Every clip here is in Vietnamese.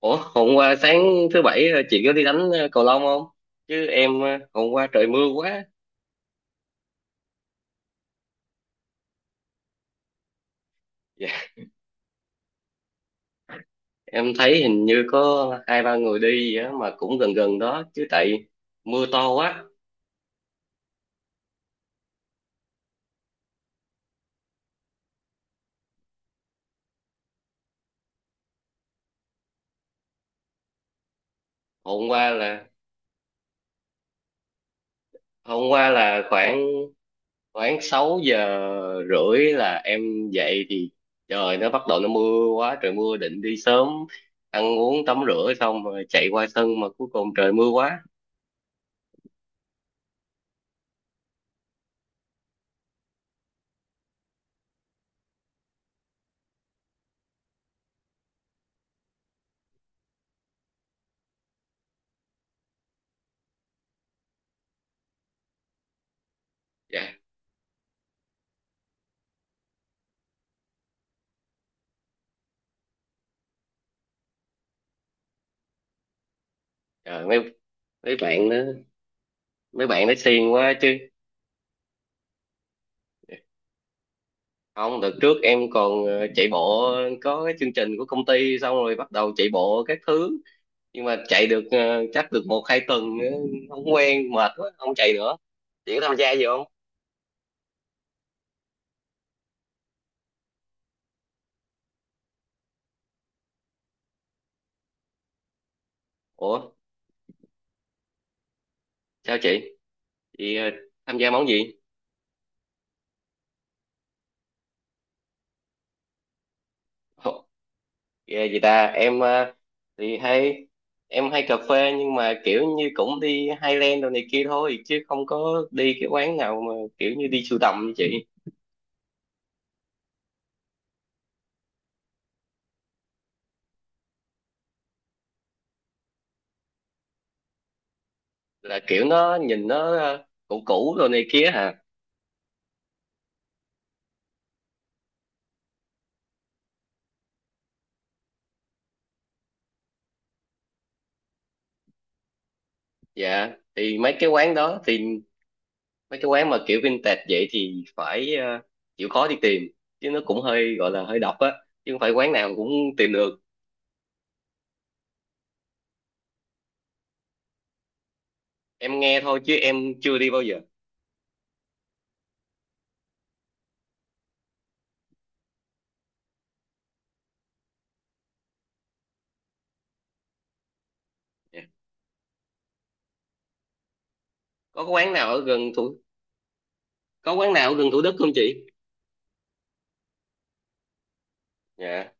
Ủa, hôm qua sáng thứ bảy, chị có đi đánh cầu lông không? Chứ em, hôm qua trời mưa quá. Dạ, em thấy hình như có hai ba người đi vậy á, mà cũng gần gần đó chứ tại mưa to quá. Hôm qua là hôm qua là khoảng khoảng 6:30 là em dậy thì trời nó bắt đầu nó mưa quá, trời mưa định đi sớm ăn uống tắm rửa xong rồi chạy qua sân mà cuối cùng trời mưa quá. Dạ. Trời, mấy mấy bạn đó, mấy bạn nó xiên quá. Không, đợt trước em còn chạy bộ, có cái chương trình của công ty xong rồi bắt đầu chạy bộ các thứ, nhưng mà chạy được chắc được một hai tuần, không quen mệt quá không chạy nữa. Chị có tham gia gì không? Ủa sao chị tham gia món gì? Ồ, ghê gì ta, em thì hay, em hay cà phê nhưng mà kiểu như cũng đi Highland đồ này kia thôi chứ không có đi cái quán nào mà kiểu như đi sưu tầm như chị. Là kiểu nó nhìn nó cũ cũ đồ này kia hả? Dạ thì mấy cái quán đó thì mấy cái quán mà kiểu vintage vậy thì phải, chịu khó đi tìm, chứ nó cũng hơi gọi là hơi độc á, chứ không phải quán nào cũng tìm được. Em nghe thôi chứ em chưa đi bao giờ. Dạ, có cái quán nào ở gần thủ, có quán nào ở gần Thủ Đức không chị? Dạ.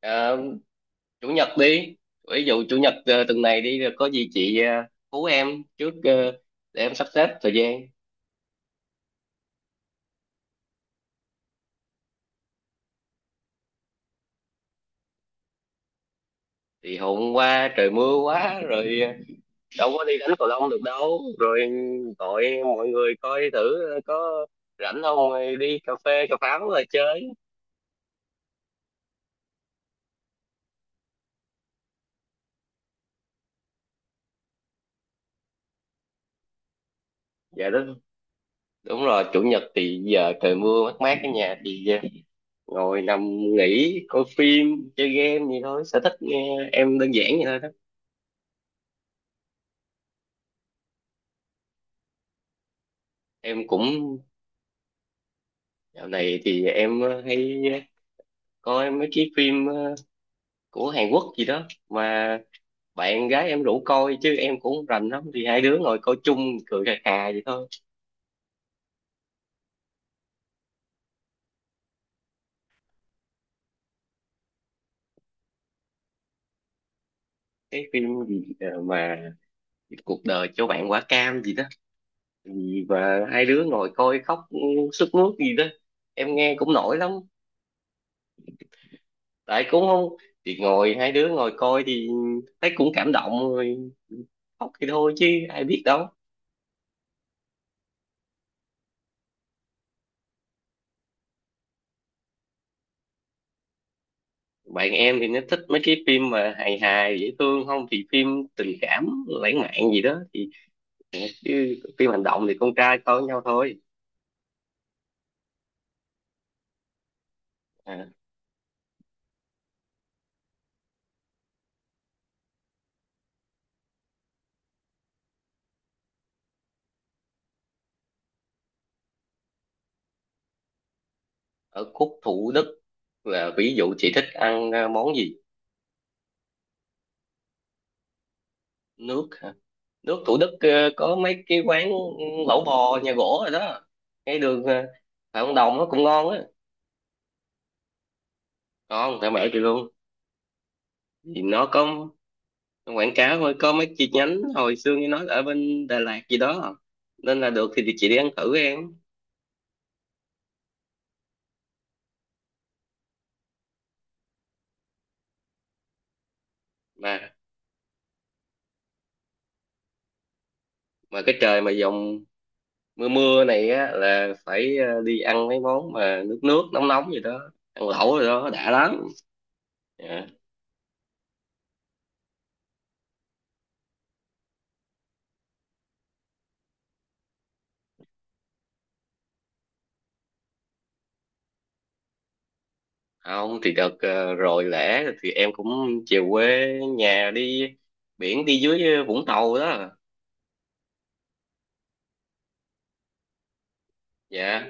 Ờ, chủ nhật đi, ví dụ chủ nhật tuần này đi rồi có gì chị, hú em trước, để em sắp xếp thời gian. Thì hôm qua trời mưa quá rồi, đâu có đi đánh cầu lông được đâu, rồi gọi mọi người coi thử có rảnh không, đi cà phê cà pháo rồi chơi. Dạ đúng, đúng rồi, chủ nhật thì giờ trời mưa mát mát ở nhà thì, ngồi nằm nghỉ coi phim chơi game gì thôi, sở thích nghe em đơn giản vậy thôi đó. Em cũng, dạo này thì em hay coi mấy cái phim của Hàn Quốc gì đó, mà bạn gái em rủ coi chứ em cũng không rành lắm, thì hai đứa ngồi coi chung cười khà khà vậy thôi. Cái phim gì mà cuộc đời cho bạn quả cam gì đó, gì và hai đứa ngồi coi khóc sướt mướt gì đó, em nghe cũng nổi lắm. Tại cũng không, thì ngồi hai đứa ngồi coi thì thấy cũng cảm động rồi, khóc thì thôi chứ ai biết đâu. Bạn em thì nó thích mấy cái phim mà hài hài dễ thương, không thì phim tình cảm lãng mạn gì đó thì, ờ, chứ phim hành động thì con trai coi với nhau thôi. À, ở khúc Thủ Đức, là ví dụ chị thích ăn món gì? Nước, nước Thủ Đức có mấy cái quán lẩu bò nhà gỗ rồi đó, ngay đường Phạm Văn Đồng, nó cũng ngon á. Ngon tại mẹ chị luôn. Thì nó có quảng cáo thôi, có mấy chi nhánh hồi xưa như nói ở bên Đà Lạt gì đó, nên là được thì chị đi ăn thử em. mà mà cái trời mà dòng mưa mưa này á là phải, đi ăn mấy món mà nước nước nóng nóng gì đó, ăn lẩu rồi đó đã lắm. Dạ. Không thì đợt rồi lễ thì em cũng về quê nhà, đi biển đi dưới Vũng Tàu đó. Dạ,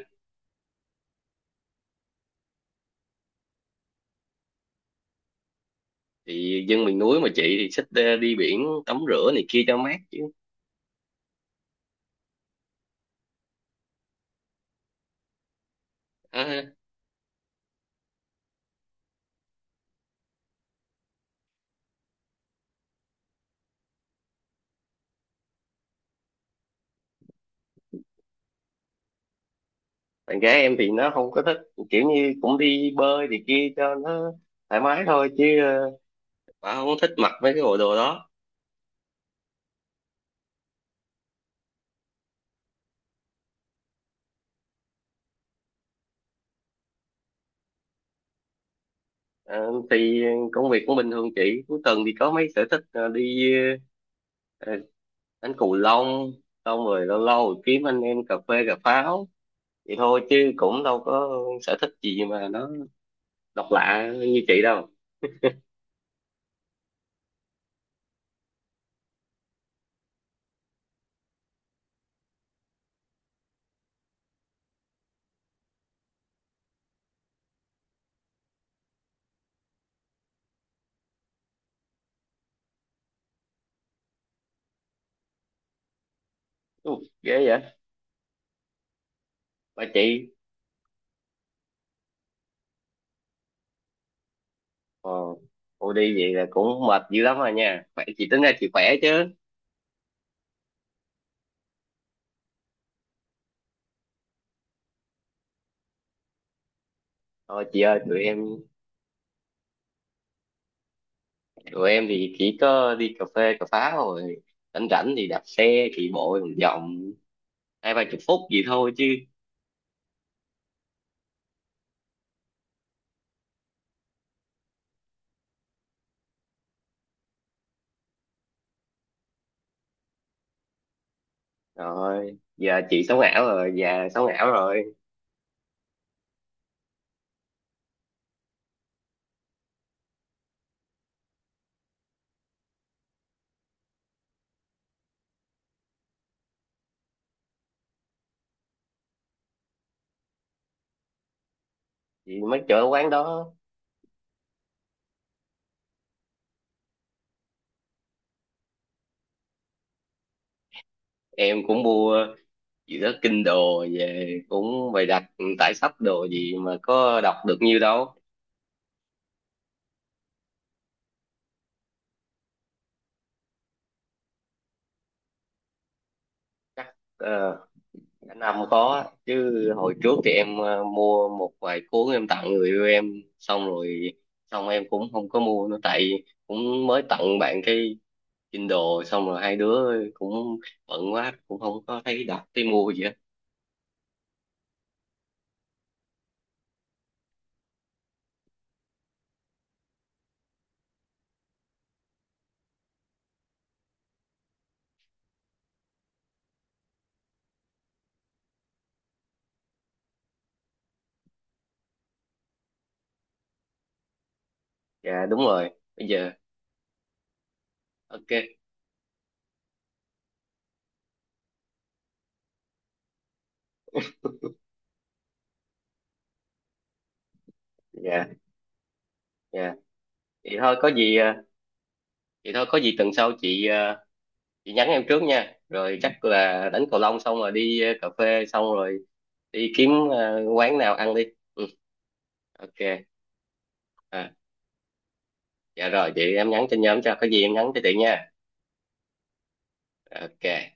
thì dân miền núi mà chị, thì thích đi biển tắm rửa này kia cho mát chứ. À, bạn gái em thì nó không có thích, kiểu như cũng đi bơi thì kia cho nó thoải mái thôi chứ, bà không thích mặc mấy cái bộ đồ đó. Ờ, thì công việc cũng bình thường chị, cuối tuần thì có mấy sở thích đi ờ, đánh cầu lông, xong rồi lâu lâu kiếm anh em cà phê cà pháo vậy thôi, chứ cũng đâu có sở thích gì mà nó độc lạ như chị đâu. Ừ, ghê vậy. Bà chị, ờ, cô đi vậy là cũng mệt dữ lắm rồi nha, khỏe, chị tính ra chị khỏe chứ. Thôi chị ơi, tụi em, tụi em thì chỉ có đi cà phê cà phá rồi rảnh rảnh thì đạp xe chạy bộ vòng vòng hai ba chục phút gì thôi chứ. Rồi giờ chị sống ảo rồi, già sống ảo rồi. Chị mới chở quán đó, em cũng mua gì đó kinh đồ về cũng bày đặt tải sách đồ gì mà có đọc được nhiêu đâu. Chắc cả năm có chứ, hồi trước thì em mua một vài cuốn em tặng người yêu em, xong rồi xong em cũng không có mua nữa, tại cũng mới tặng bạn cái Kindle, xong rồi hai đứa cũng bận quá cũng không có thấy đọc thấy mua gì hết. Dạ đúng rồi. Bây giờ ok. Dạ. Dạ vậy thôi có gì, vậy thôi có gì tuần sau chị, chị nhắn em trước nha, rồi chắc là đánh cầu lông xong rồi đi cà phê, xong rồi đi kiếm quán nào ăn đi. Ừ, ok. À, dạ rồi chị, em nhắn trên nhóm, cho có gì em nhắn cho chị nha. Ok.